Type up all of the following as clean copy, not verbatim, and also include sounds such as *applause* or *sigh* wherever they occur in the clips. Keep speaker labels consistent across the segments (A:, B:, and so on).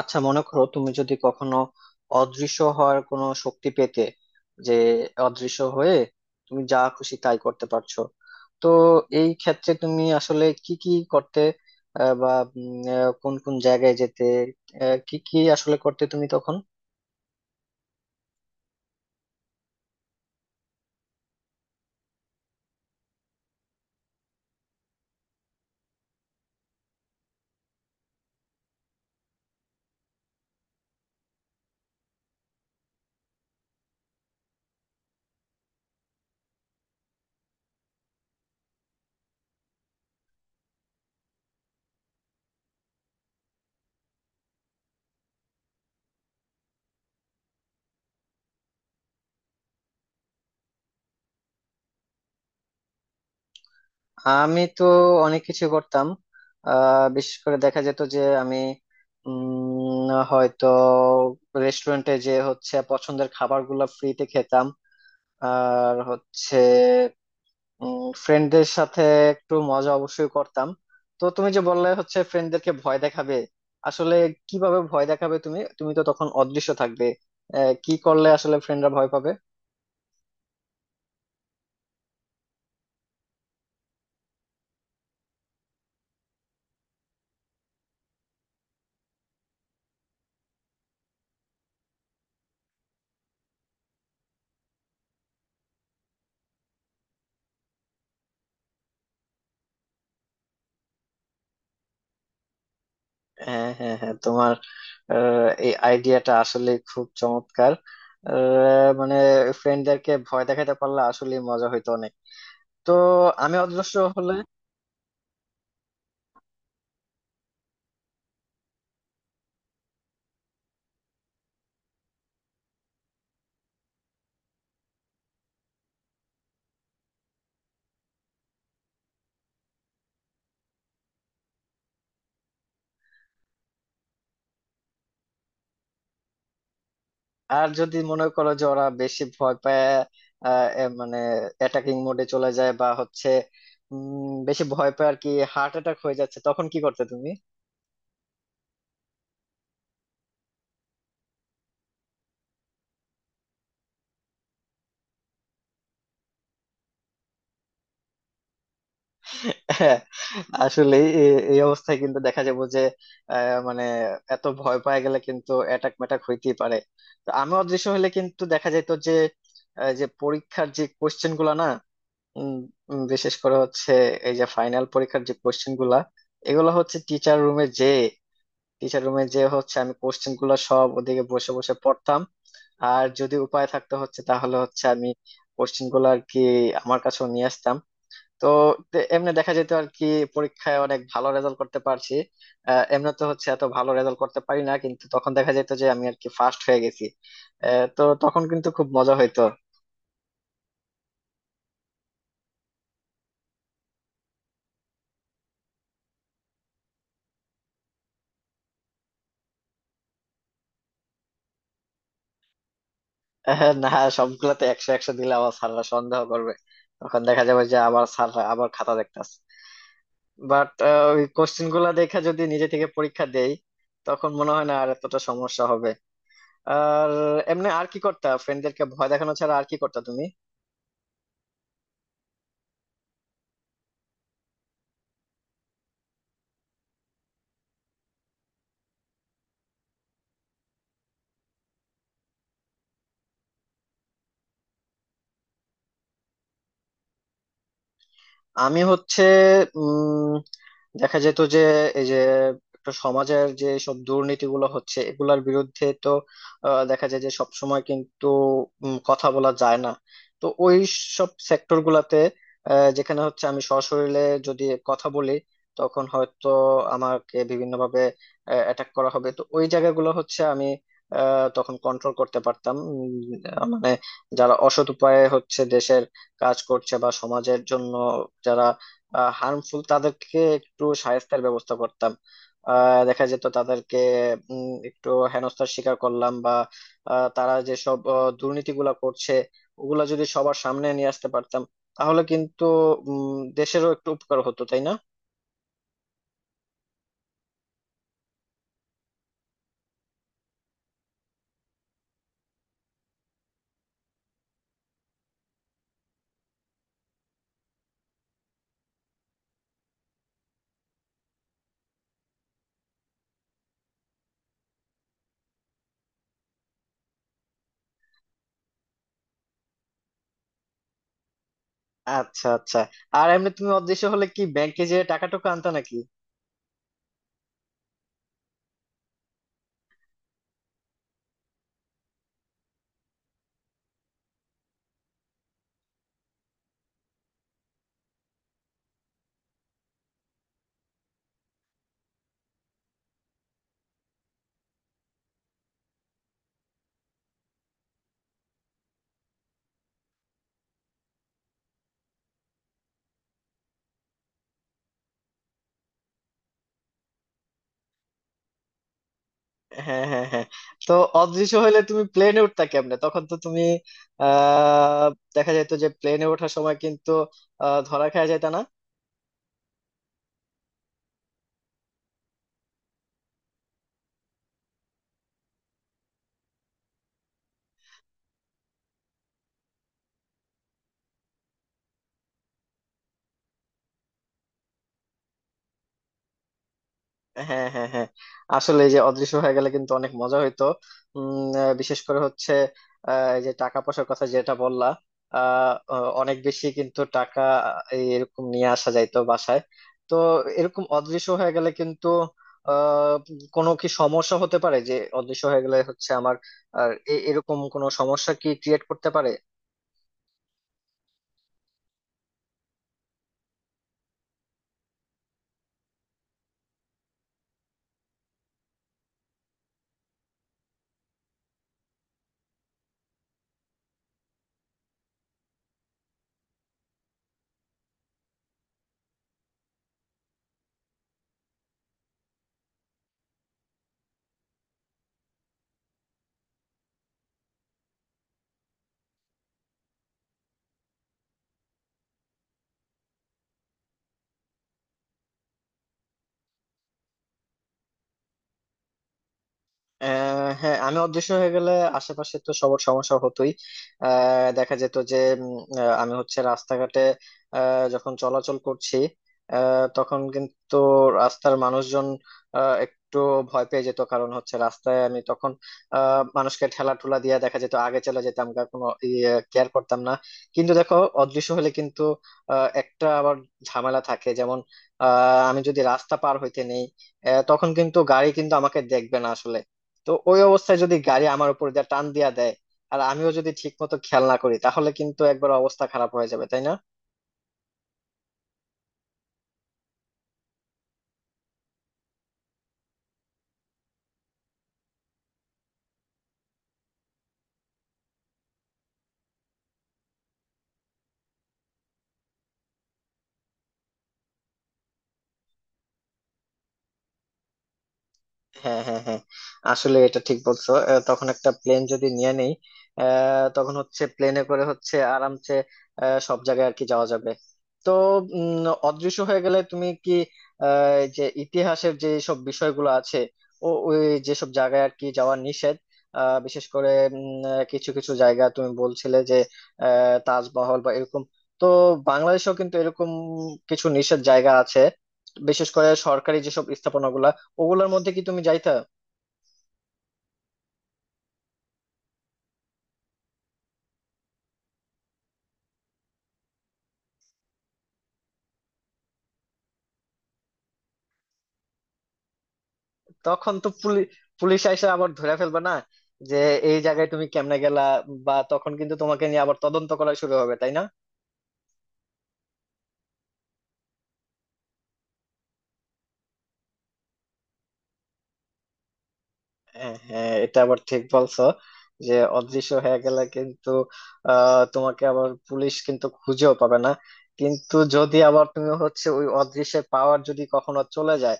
A: আচ্ছা, মনে করো তুমি যদি কখনো অদৃশ্য হওয়ার কোনো শক্তি পেতে, যে অদৃশ্য হয়ে তুমি যা খুশি তাই করতে পারছো, তো এই ক্ষেত্রে তুমি আসলে কি কি করতে, বা কোন কোন জায়গায় যেতে, কি কি আসলে করতে তুমি তখন? আমি তো অনেক কিছু করতাম। বিশেষ করে দেখা যেত যে আমি হয়তো রেস্টুরেন্টে যে হচ্ছে পছন্দের খাবারগুলো ফ্রিতে খেতাম। আর হচ্ছে ফ্রেন্ডদের সাথে একটু মজা অবশ্যই করতাম। তো তুমি যে বললে হচ্ছে ফ্রেন্ডদেরকে ভয় দেখাবে, আসলে কিভাবে ভয় দেখাবে? তুমি তুমি তো তখন অদৃশ্য থাকবে। কি করলে আসলে ফ্রেন্ডরা ভয় পাবে? হ্যাঁ, হ্যাঁ, হ্যাঁ, তোমার এই আইডিয়াটা আসলে খুব চমৎকার। মানে ফ্রেন্ডদেরকে ভয় দেখাতে পারলে আসলে মজা হইতো অনেক। তো আমি অদৃশ্য হলে আর যদি মনে করো যে ওরা বেশি ভয় পায়, আহ, এ মানে অ্যাটাকিং মোডে চলে যায় বা হচ্ছে বেশি ভয় পায় আর কি, হার্ট অ্যাটাক হয়ে যাচ্ছে, তখন কি করতে তুমি? *laughs* হ্যাঁ, আসলে এই এই অবস্থায় কিন্তু দেখা যাবো যে, মানে এত ভয় পায় গেলে কিন্তু অ্যাটাক ম্যাটাক হইতেই পারে। তো আমি অদৃশ্য হলে কিন্তু দেখা যেত যে, যে পরীক্ষার যে কোশ্চেন গুলা না, উম, উম, বিশেষ করে হচ্ছে এই যে ফাইনাল পরীক্ষার যে কোশ্চেন গুলা, এগুলো হচ্ছে টিচার রুমে যে হচ্ছে আমি কোশ্চেন গুলো সব ওদিকে বসে বসে পড়তাম। আর যদি উপায় থাকতো হচ্ছে, তাহলে হচ্ছে আমি কোশ্চেন গুলো আর কি আমার কাছেও নিয়ে আসতাম। তো এমনি দেখা যেত আর কি, পরীক্ষায় অনেক ভালো রেজাল্ট করতে পারছি। এমনি তো হচ্ছে এত ভালো রেজাল্ট করতে পারি না, কিন্তু তখন দেখা যেত যে আমি আর কি ফার্স্ট হয়ে গেছি। তো তখন কিন্তু খুব মজা হইতো। না, সবগুলাতে 100 100 দিলে আবার স্যাররা সন্দেহ করবে। তখন দেখা যাবে যে আবার স্যাররা আবার খাতা দেখতাছে। বাট ওই কোশ্চেন গুলা দেখে যদি নিজে থেকে পরীক্ষা দেই, তখন মনে হয় না আর এতটা সমস্যা হবে। আর এমনি আর কি করতা, ফ্রেন্ডদেরকে ভয় দেখানো ছাড়া আর কি করতা তুমি? আমি হচ্ছে উম দেখা যেত যে, এই যে একটা সমাজের যে সব দুর্নীতিগুলো হচ্ছে এগুলার বিরুদ্ধে তো, দেখা যায় যে সব সময় কিন্তু কথা বলা যায় না। তো ওই সব সেক্টর গুলাতে, যেখানে হচ্ছে আমি সশরীরে যদি কথা বলি, তখন হয়তো আমাকে বিভিন্নভাবে অ্যাটাক করা হবে। তো ওই জায়গাগুলো হচ্ছে আমি তখন কন্ট্রোল করতে পারতাম। মানে যারা অসৎ উপায়ে হচ্ছে দেশের কাজ করছে বা সমাজের জন্য যারা হার্মফুল, তাদেরকে একটু শায়েস্তার ব্যবস্থা করতাম। দেখা যেত তাদেরকে একটু হেনস্থার শিকার করলাম, বা তারা যেসব দুর্নীতিগুলা করছে, ওগুলা যদি সবার সামনে নিয়ে আসতে পারতাম, তাহলে কিন্তু দেশেরও একটু উপকার হতো, তাই না? আচ্ছা, আচ্ছা। আর এমনি তুমি অদৃশ্য হলে কি ব্যাংকে যেয়ে টাকা টুকু আনতা নাকি? হ্যাঁ, হ্যাঁ, হ্যাঁ। তো অদৃশ্য হলে তুমি প্লেনে উঠতা কেমনে? তখন তো তুমি আহ দেখা যেত যে প্লেনে ওঠার সময় কিন্তু ধরা খেয়ে যেত না? হ্যাঁ, হ্যাঁ, হ্যাঁ। আসলে এই যে অদৃশ্য হয়ে গেলে কিন্তু অনেক মজা হইতো। বিশেষ করে হচ্ছে এই যে টাকা পয়সার কথা যেটা বললা, আহ, আহ, অনেক বেশি কিন্তু টাকা এরকম নিয়ে আসা যাইতো বাসায়। তো এরকম অদৃশ্য হয়ে গেলে কিন্তু আহ কোনো কি সমস্যা হতে পারে যে অদৃশ্য হয়ে গেলে হচ্ছে আমার, আর এরকম কোনো সমস্যা কি ক্রিয়েট করতে পারে? হ্যাঁ, আমি অদৃশ্য হয়ে গেলে আশেপাশে তো সবার সমস্যা হতোই। দেখা যেত যে আমি হচ্ছে রাস্তাঘাটে যখন চলাচল করছি, তখন কিন্তু রাস্তার মানুষজন একটু ভয় পেয়ে যেত, কারণ হচ্ছে রাস্তায় আমি তখন মানুষকে ঠেলা ঠুলা দিয়ে দেখা যেত আগে চলে যেতাম গা, কোনো কেয়ার করতাম না। কিন্তু দেখো, অদৃশ্য হলে কিন্তু একটা আবার ঝামেলা থাকে, যেমন আমি যদি রাস্তা পার হইতে নেই, তখন কিন্তু গাড়ি কিন্তু আমাকে দেখবে না আসলে। তো ওই অবস্থায় যদি গাড়ি আমার উপর দিয়ে টান দিয়া দেয় আর আমিও যদি ঠিক মতো খেয়াল না করি, তাহলে কিন্তু একবার অবস্থা খারাপ হয়ে যাবে, তাই না? হ্যাঁ, হ্যাঁ, হ্যাঁ, আসলে এটা ঠিক বলছো। তখন একটা প্লেন যদি নিয়ে নেই, তখন হচ্ছে প্লেনে করে হচ্ছে আরামসে সব জায়গায় আর কি যাওয়া যাবে। তো অদৃশ্য হয়ে গেলে তুমি কি এই যে ইতিহাসের যে সব বিষয়গুলো আছে, ওই যেসব জায়গায় আর কি যাওয়া নিষেধ, বিশেষ করে কিছু কিছু জায়গা তুমি বলছিলে যে তাজমহল বা এরকম, তো বাংলাদেশেও কিন্তু এরকম কিছু নিষেধ জায়গা আছে, বিশেষ করে সরকারি যেসব স্থাপনাগুলা, ওগুলোর মধ্যে কি তুমি যাইতা? তখন তো পুলিশ পুলিশ আইসা আবার ধরে ফেলবে না, যে এই জায়গায় তুমি কেমনে গেলা? বা তখন কিন্তু তোমাকে নিয়ে আবার তদন্ত করা শুরু হবে, তাই না? হ্যাঁ, হ্যাঁ, এটা আবার ঠিক বলছো, যে অদৃশ্য হয়ে গেলে কিন্তু তোমাকে আবার পুলিশ কিন্তু খুঁজেও পাবে না। কিন্তু যদি আবার তুমি হচ্ছে ওই অদৃশ্যের পাওয়ার যদি কখনো চলে যায়,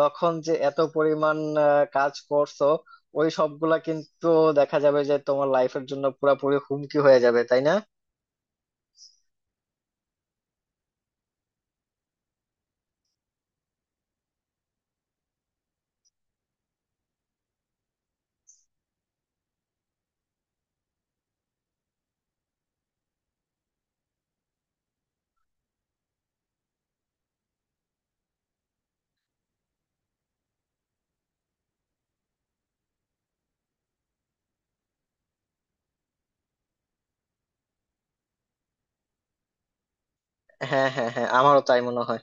A: তখন যে এত পরিমাণ কাজ করছো, ওই সবগুলা কিন্তু দেখা যাবে যে তোমার লাইফের জন্য পুরোপুরি হুমকি হয়ে যাবে, তাই না? হ্যাঁ, হ্যাঁ, হ্যাঁ, আমারও তাই মনে হয়।